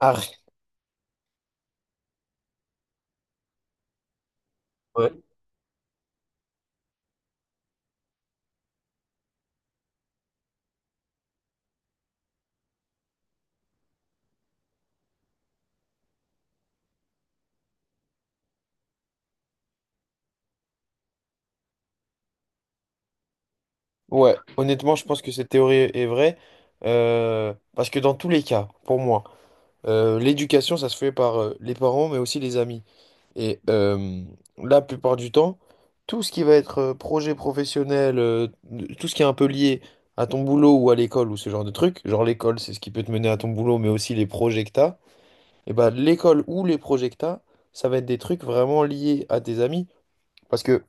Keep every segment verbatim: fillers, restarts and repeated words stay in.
Ah, ouais. Ouais, honnêtement, je pense que cette théorie est vraie. Euh, parce que dans tous les cas, pour moi, euh, l'éducation, ça se fait par euh, les parents, mais aussi les amis. Et euh, la plupart du temps, tout ce qui va être euh, projet professionnel, euh, tout ce qui est un peu lié à ton boulot ou à l'école ou ce genre de truc, genre l'école, c'est ce qui peut te mener à ton boulot, mais aussi les projets que t'as, et ben l'école ou les projets que t'as, ça va être des trucs vraiment liés à tes amis. Parce que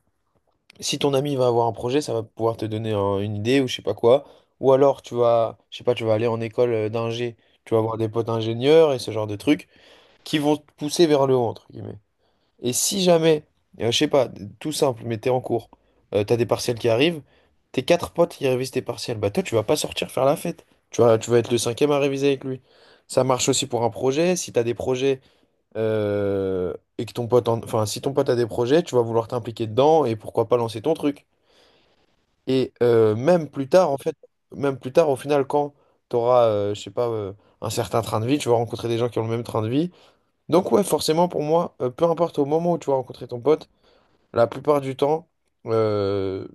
si ton ami va avoir un projet, ça va pouvoir te donner un- une idée ou je sais pas quoi. Ou alors tu vas, je sais pas, tu vas aller en école euh, d'ingé, tu vas avoir des potes ingénieurs et ce genre de trucs qui vont te pousser vers le haut, entre guillemets. Et si jamais, euh, je sais pas, tout simple, mais t'es en cours, euh, t'as des partiels qui arrivent, tes quatre potes qui révisent tes partiels, bah toi tu vas pas sortir faire la fête. Tu vas, tu vas être le cinquième à réviser avec lui. Ça marche aussi pour un projet. Si t'as des projets euh, et que ton pote, en- enfin, si ton pote a des projets, tu vas vouloir t'impliquer dedans et pourquoi pas lancer ton truc. Et euh, même plus tard, en fait, même plus tard, au final, quand tu auras, je sais pas, euh, un certain train de vie, tu vas rencontrer des gens qui ont le même train de vie. Donc ouais, forcément, pour moi, euh, peu importe au moment où tu vas rencontrer ton pote, la plupart du temps, euh,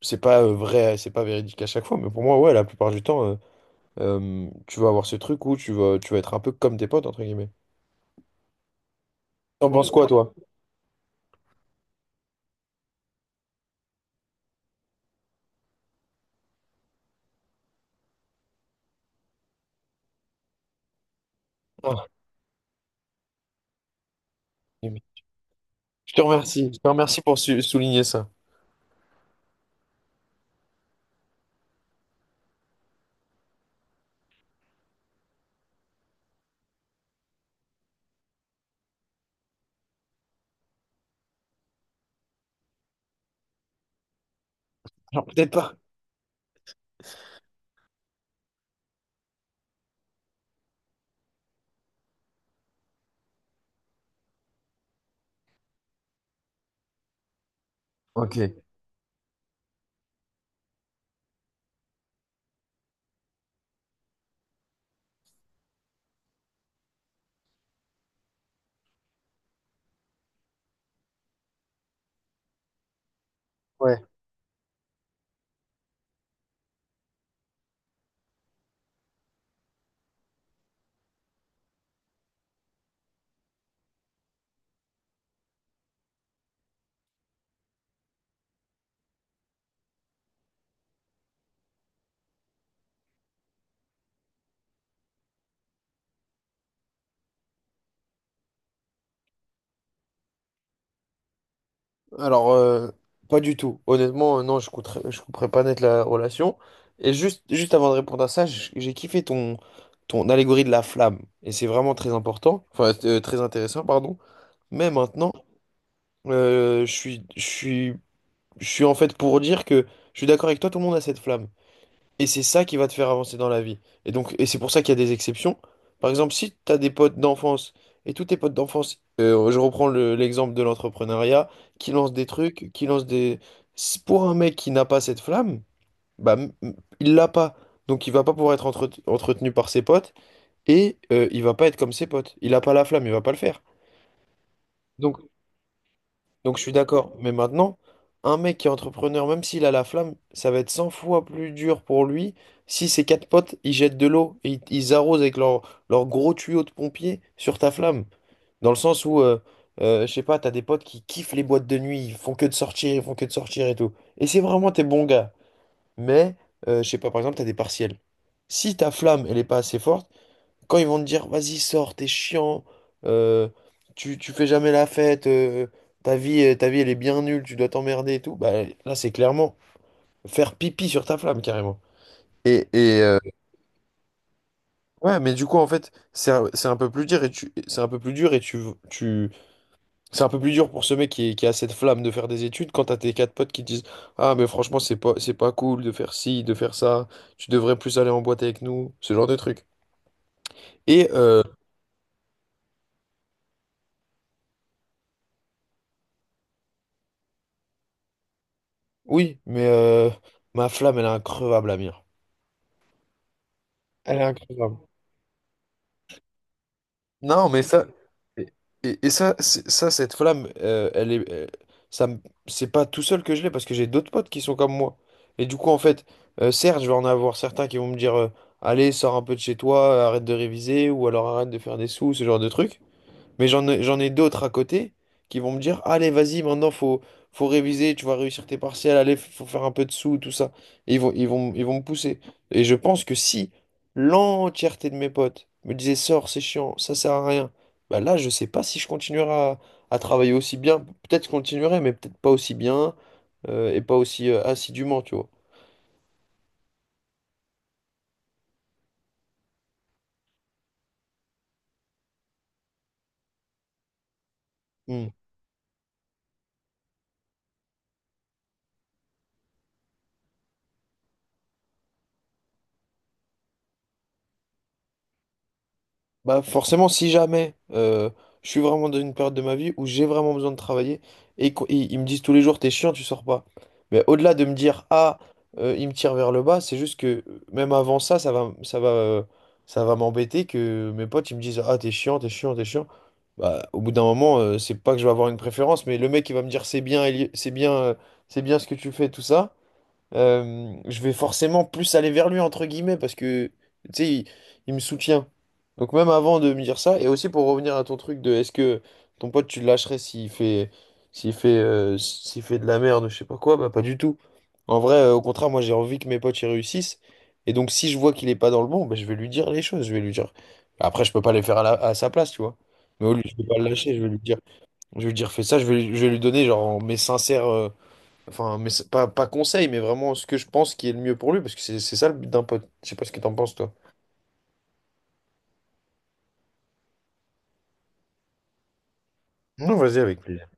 c'est pas euh, vrai, c'est pas véridique à chaque fois, mais pour moi, ouais, la plupart du temps, euh, euh, tu vas avoir ce truc où tu vas, tu vas être un peu comme tes potes, entre guillemets. T'en penses quoi, toi? Ah, je te remercie, je te remercie pour su- souligner ça. Genre, peut-être pas. Ok. Ouais. Alors, euh, pas du tout. Honnêtement, euh, non, je couperais, je couperais pas net la relation. Et juste, juste avant de répondre à ça, j- j'ai kiffé ton, ton allégorie de la flamme. Et c'est vraiment très important, enfin, euh, très intéressant, pardon. Mais maintenant, euh, je suis, je suis, je suis en fait pour dire que je suis d'accord avec toi, tout le monde a cette flamme. Et c'est ça qui va te faire avancer dans la vie. Et donc, et c'est pour ça qu'il y a des exceptions. Par exemple, si tu as des potes d'enfance et tous tes potes d'enfance, euh, je reprends le- l'exemple de l'entrepreneuriat, qui lance des trucs, qui lance des... Si pour un mec qui n'a pas cette flamme, bah, m- m- il l'a pas. Donc, il va pas pouvoir être entre- entretenu par ses potes et euh, il va pas être comme ses potes. Il n'a pas la flamme, il va pas le faire. Donc, donc je suis d'accord. Mais maintenant, un mec qui est entrepreneur, même s'il a la flamme, ça va être cent fois plus dur pour lui si ses quatre potes, ils jettent de l'eau et ils, ils arrosent avec leur, leur gros tuyau de pompier sur ta flamme. Dans le sens où, euh, euh, je sais pas, t'as des potes qui kiffent les boîtes de nuit, ils font que de sortir, ils font que de sortir et tout. Et c'est vraiment tes bons gars. Mais, euh, je sais pas, par exemple, t'as des partiels. Si ta flamme, elle est pas assez forte, quand ils vont te dire, vas-y, sors, t'es chiant, euh, tu, tu fais jamais la fête, euh, ta vie, euh, ta vie, elle est bien nulle, tu dois t'emmerder et tout, bah là, c'est clairement faire pipi sur ta flamme, carrément. Et, et euh, ouais, mais du coup, en fait, c'est un, c'est un peu plus dur et tu, c'est un peu plus dur et tu, tu, c'est un peu plus dur pour ce mec qui, est- qui a cette flamme de faire des études quand t'as tes quatre potes qui te disent, ah, mais franchement, c'est pas, c'est pas cool de faire ci, de faire ça, tu devrais plus aller en boîte avec nous, ce genre de truc. Et, euh, Oui, mais euh, ma flamme, elle est increvable, Amir. Elle est incroyable. Non, mais ça, et, et- et ça, c'est- ça, cette flamme, euh, elle est, euh, ça, me- c'est pas tout seul que je l'ai parce que j'ai d'autres potes qui sont comme moi. Et du coup, en fait, euh, certes, je vais en avoir certains qui vont me dire, euh, allez, sors un peu de chez toi, arrête de réviser, ou alors arrête de faire des sous, ce genre de trucs. Mais j'en ai, j'en ai d'autres à côté qui vont me dire, allez, vas-y, maintenant, faut, faut réviser, tu vas réussir tes partiels, allez, faut faire un peu de sous, tout ça. Et ils vont, ils vont, ils vont me pousser. Et je pense que si l'entièreté de mes potes me disaient, sors, c'est chiant, ça sert à rien, bah là, je sais pas si je continuerai à, à travailler aussi bien. Peut-être que je continuerai, mais peut-être pas aussi bien, euh, et pas aussi euh, assidûment, tu vois. Hmm. Bah forcément, si jamais euh, je suis vraiment dans une période de ma vie où j'ai vraiment besoin de travailler et qu'on- ils, ils me disent tous les jours, t'es chiant, tu sors pas. Mais au-delà de me dire, ah, euh, ils me tirent vers le bas, c'est juste que euh, même avant ça, ça va, ça va, euh, ça va m'embêter que mes potes ils me disent, ah, t'es chiant, t'es chiant, t'es chiant. Bah, au bout d'un moment, euh, c'est pas que je vais avoir une préférence, mais le mec il va me dire, c'est bien, Elie- c'est bien, euh, c'est bien ce que tu fais, tout ça, euh, je vais forcément plus aller vers lui, entre guillemets, parce que, tu sais, il, il me soutient. Donc même avant de me dire ça, et aussi pour revenir à ton truc de est-ce que ton pote, tu le lâcherais s'il fait, s'il fait, euh, s'il fait de la merde, je sais pas quoi, bah pas du tout. En vrai, euh, au contraire, moi j'ai envie que mes potes y réussissent. Et donc si je vois qu'il est pas dans le bon, bah, je vais lui dire les choses, je vais lui dire. Après, je peux pas les faire à, la- à sa place, tu vois. Mais au lieu, je vais pas le lâcher, je vais lui dire, je vais lui dire fais ça, je vais, lui- je vais lui donner genre mes sincères. Enfin, mais c'est pas, pas conseil, mais vraiment ce que je pense qui est le mieux pour lui, parce que c'est c'est ça le but d'un pote. Je sais pas ce que t'en penses, toi. Non, vas-y avec plaisir.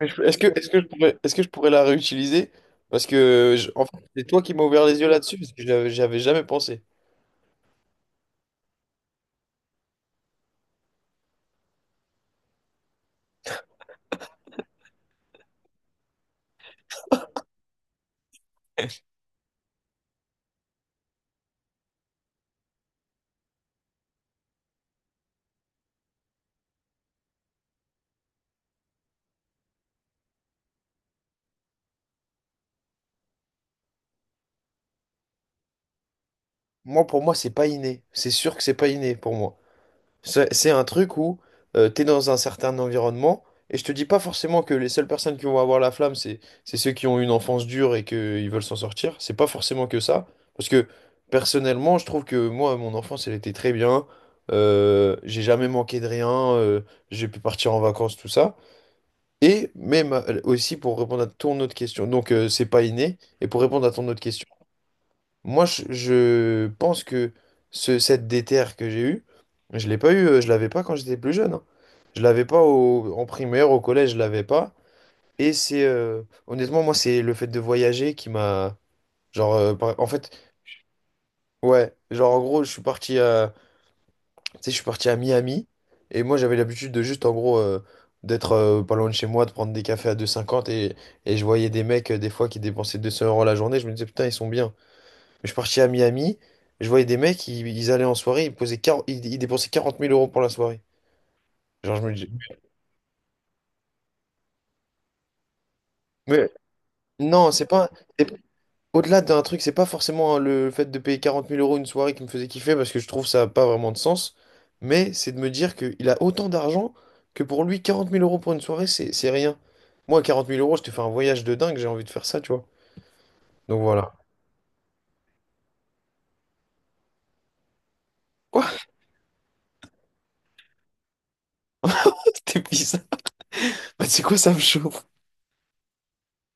Mais je- Est-ce que, est-ce que je pourrais, est-ce que je pourrais la réutiliser? Parce que je- en fait, c'est toi qui m'as ouvert les yeux là-dessus, parce que j'avais j'avais jamais pensé. Moi, pour moi, c'est pas inné. C'est sûr que c'est pas inné pour moi. C'est c'est un truc où euh, t'es dans un certain environnement, et je te dis pas forcément que les seules personnes qui vont avoir la flamme, c'est c'est ceux qui ont une enfance dure et qu'ils veulent s'en sortir. C'est pas forcément que ça, parce que personnellement, je trouve que moi, mon enfance, elle était très bien. Euh, j'ai jamais manqué de rien, euh, j'ai pu partir en vacances, tout ça. Et même euh, aussi pour répondre à ton autre question, donc euh, c'est pas inné, et pour répondre à ton autre question. Moi, je, je pense que ce, cette déterre que j'ai eue, je l'ai pas eu, euh, je l'avais pas quand j'étais plus jeune, hein. Je l'avais pas au- en primaire, au collège, je l'avais pas. Et c'est euh, honnêtement, moi, c'est le fait de voyager qui m'a genre euh, par- en fait, ouais, genre en gros, je suis parti à tu sais, je suis parti à Miami et moi j'avais l'habitude de juste en gros euh, d'être euh, pas loin de chez moi, de prendre des cafés à deux cinquante et et je voyais des mecs euh, des fois qui dépensaient deux cents euros la journée, je me disais putain, ils sont bien. Mais je suis parti à Miami, je voyais des mecs, ils, ils allaient en soirée, ils posaient quarante ils, ils dépensaient quarante mille euros pour la soirée. Genre, je me dis. Mais non, c'est pas. c'est- Au-delà d'un truc, c'est pas forcément hein, le fait de payer quarante mille euros une soirée qui me faisait kiffer parce que je trouve ça n'a pas vraiment de sens. Mais c'est de me dire qu'il a autant d'argent que pour lui, quarante mille euros pour une soirée, c'est c'est rien. Moi, quarante mille euros, je te fais un voyage de dingue, j'ai envie de faire ça, tu vois. Donc voilà. Quoi? T'es bizarre. Bah, c'est quoi ça me chauffe?